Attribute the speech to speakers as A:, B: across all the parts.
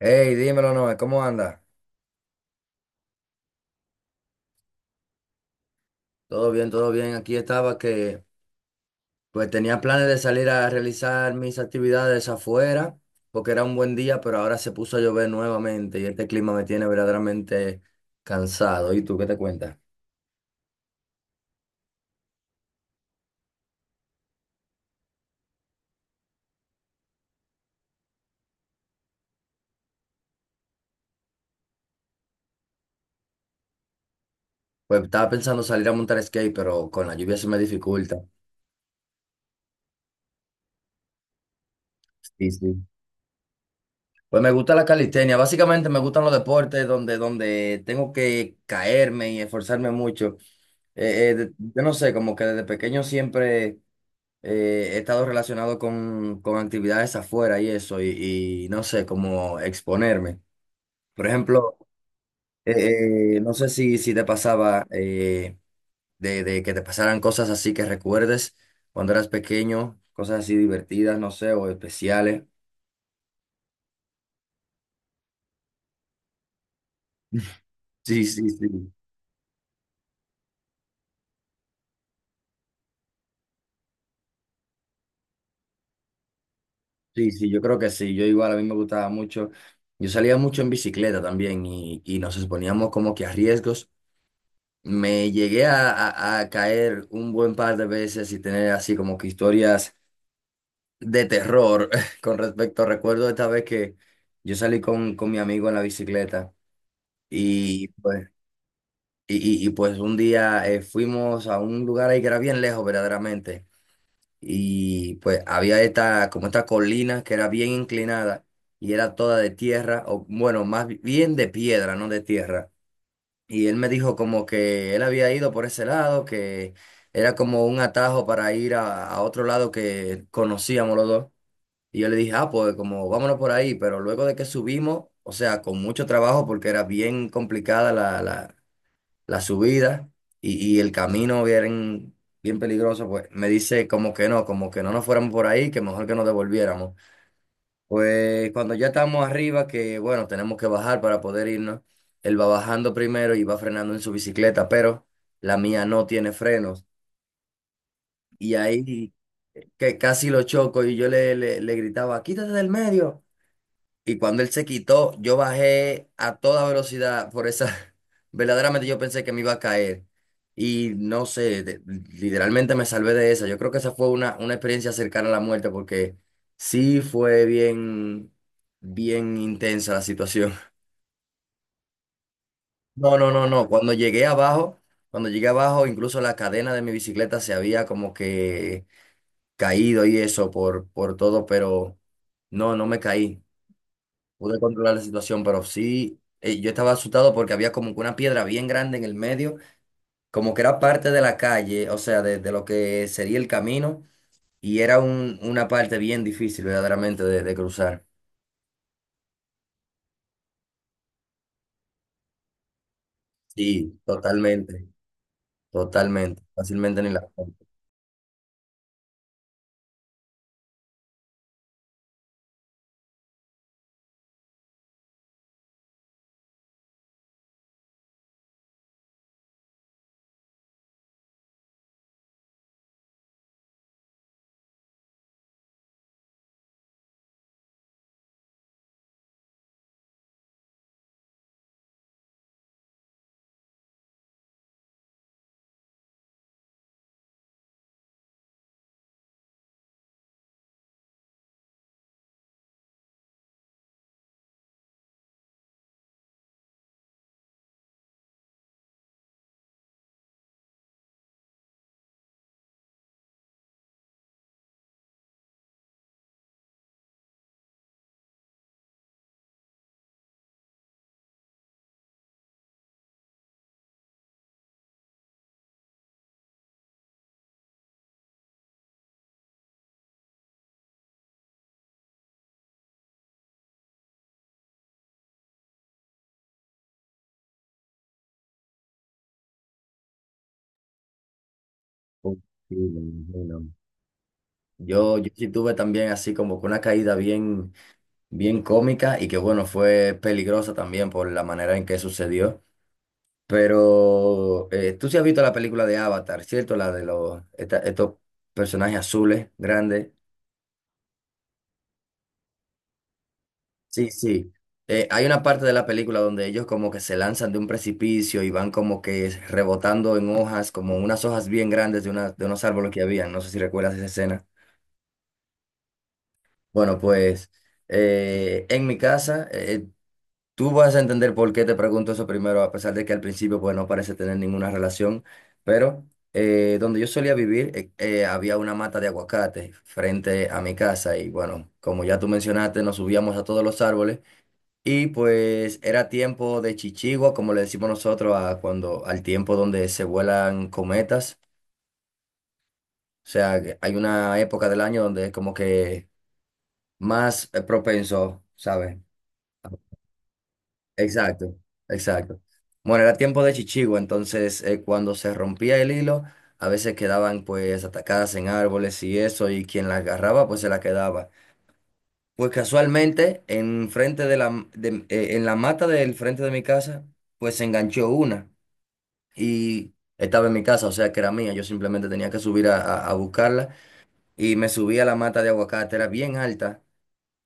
A: Hey, dímelo, Noé, ¿cómo anda? Todo bien, todo bien. Aquí estaba que pues tenía planes de salir a realizar mis actividades afuera porque era un buen día, pero ahora se puso a llover nuevamente y este clima me tiene verdaderamente cansado. ¿Y tú qué te cuentas? Pues estaba pensando salir a montar skate, pero con la lluvia se me dificulta. Sí, sí. Pues me gusta la calistenia. Básicamente me gustan los deportes donde tengo que caerme y esforzarme mucho. Yo no sé, como que desde pequeño siempre he estado relacionado con actividades afuera y eso, y no sé, como exponerme. Por ejemplo, no sé si te pasaba de que te pasaran cosas así que recuerdes cuando eras pequeño, cosas así divertidas, no sé, o especiales. Sí, sí, sí. Sí, sí, yo creo que sí. Yo igual a mí me gustaba mucho. Yo salía mucho en bicicleta también y nos exponíamos como que a riesgos. Me llegué a caer un buen par de veces y tener así como que historias de terror con respecto. Recuerdo esta vez que yo salí con mi amigo en la bicicleta y pues, y, pues un día fuimos a un lugar ahí que era bien lejos verdaderamente y pues había esta como esta colina que era bien inclinada y era toda de tierra o bueno, más bien de piedra, no de tierra. Y él me dijo como que él había ido por ese lado, que era como un atajo para ir a otro lado que conocíamos los dos. Y yo le dije, ah, pues como vámonos por ahí, pero luego de que subimos, o sea, con mucho trabajo porque era bien complicada la subida y el camino bien peligroso, pues me dice como que no nos fuéramos por ahí, que mejor que nos devolviéramos. Pues cuando ya estamos arriba, que bueno, tenemos que bajar para poder irnos, él va bajando primero y va frenando en su bicicleta, pero la mía no tiene frenos. Y ahí que casi lo choco y yo le gritaba, quítate del medio. Y cuando él se quitó, yo bajé a toda velocidad por esa, verdaderamente yo pensé que me iba a caer. Y no sé, literalmente me salvé de esa. Yo creo que esa fue una experiencia cercana a la muerte porque sí fue bien intensa la situación. No, no, no, no. Cuando llegué abajo, incluso la cadena de mi bicicleta se había como que caído y eso por todo, pero no, no me caí. Pude controlar la situación, pero sí, yo estaba asustado porque había como que una piedra bien grande en el medio, como que era parte de la calle, o sea, de lo que sería el camino, y era un, una parte bien difícil verdaderamente de cruzar. Sí, totalmente, totalmente, fácilmente ni la cuento. Uf, sí, me imagino. Yo sí tuve también así como que una caída bien cómica y que bueno, fue peligrosa también por la manera en que sucedió. Pero tú sí has visto la película de Avatar, ¿cierto? La de los, estos personajes azules, grandes. Sí, sí. Hay una parte de la película donde ellos como que se lanzan de un precipicio y van como que rebotando en hojas, como unas hojas bien grandes de, de unos árboles que habían. No sé si recuerdas esa escena. Bueno, pues en mi casa, tú vas a entender por qué te pregunto eso primero, a pesar de que al principio pues no parece tener ninguna relación, pero donde yo solía vivir había una mata de aguacate frente a mi casa y bueno, como ya tú mencionaste, nos subíamos a todos los árboles y pues era tiempo de chichigua, como le decimos nosotros a cuando al tiempo donde se vuelan cometas, o sea, que hay una época del año donde es como que más propenso, ¿sabes? Exacto, exacto. Bueno, era tiempo de chichigo, entonces cuando se rompía el hilo, a veces quedaban pues atacadas en árboles y eso, y quien las agarraba pues se la quedaba. Pues casualmente, en frente en la mata del frente de mi casa, pues se enganchó una y estaba en mi casa, o sea que era mía, yo simplemente tenía que subir a buscarla y me subí a la mata de aguacate, era bien alta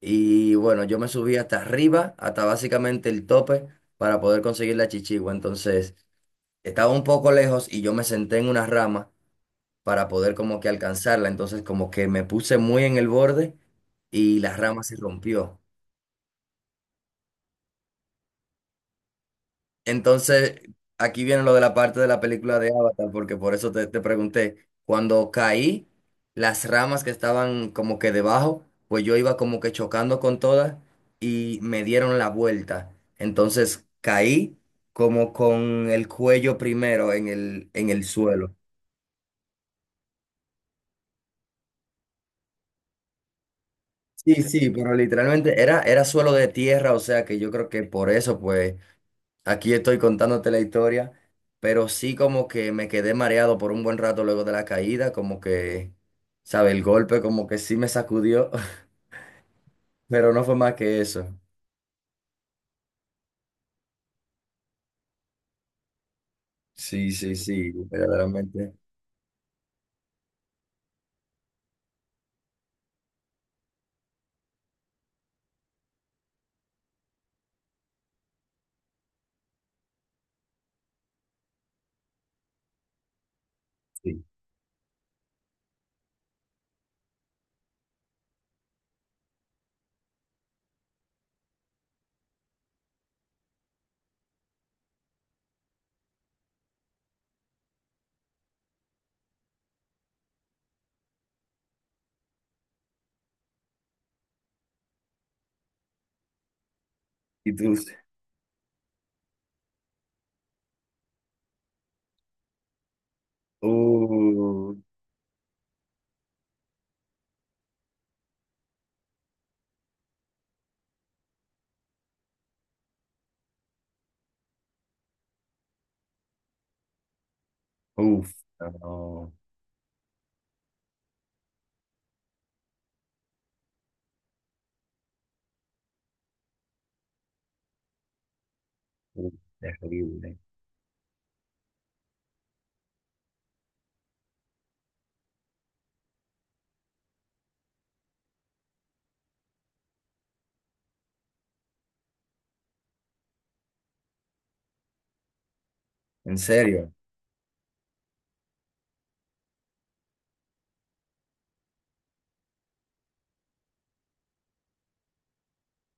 A: y bueno, yo me subí hasta arriba, hasta básicamente el tope, para poder conseguir la chichigua. Entonces, estaba un poco lejos y yo me senté en una rama para poder como que alcanzarla. Entonces, como que me puse muy en el borde y la rama se rompió. Entonces, aquí viene lo de la parte de la película de Avatar, porque por eso te pregunté, cuando caí, las ramas que estaban como que debajo, pues yo iba como que chocando con todas y me dieron la vuelta. Entonces, caí como con el cuello primero en en el suelo. Sí, sí, pero literalmente era, era suelo de tierra, o sea que yo creo que por eso, pues... Aquí estoy contándote la historia, pero sí como que me quedé mareado por un buen rato luego de la caída, como que, sabe, el golpe como que sí me sacudió, pero no fue más que eso. Sí, sí, sí, verdaderamente. Sí. Y tú, uh, uf, no, uf, terrible. En serio.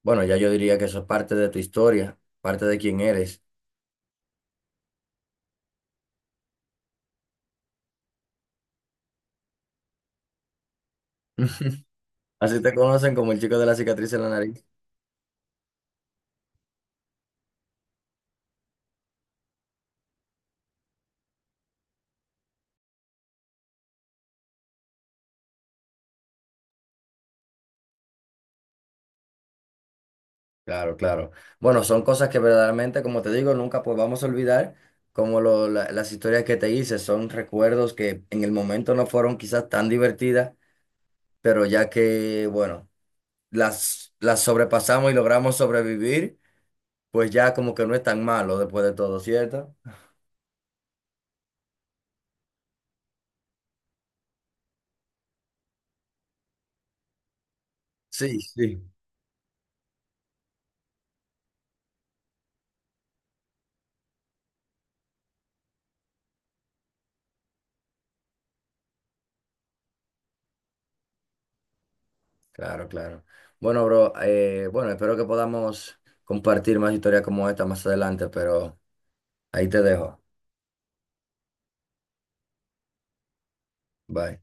A: Bueno, ya yo diría que eso es parte de tu historia, parte de quién eres. Así te conocen como el chico de la cicatriz en la nariz. Claro, claro. Bueno, son cosas que verdaderamente, como te digo, nunca pues vamos a olvidar, como las historias que te hice, son recuerdos que en el momento no fueron quizás tan divertidas, pero ya que, bueno, las sobrepasamos y logramos sobrevivir, pues ya como que no es tan malo después de todo, ¿cierto? Sí, sí. Claro, claro. Bueno, bro, bueno, espero que podamos compartir más historias como esta más adelante, pero ahí te dejo. Bye.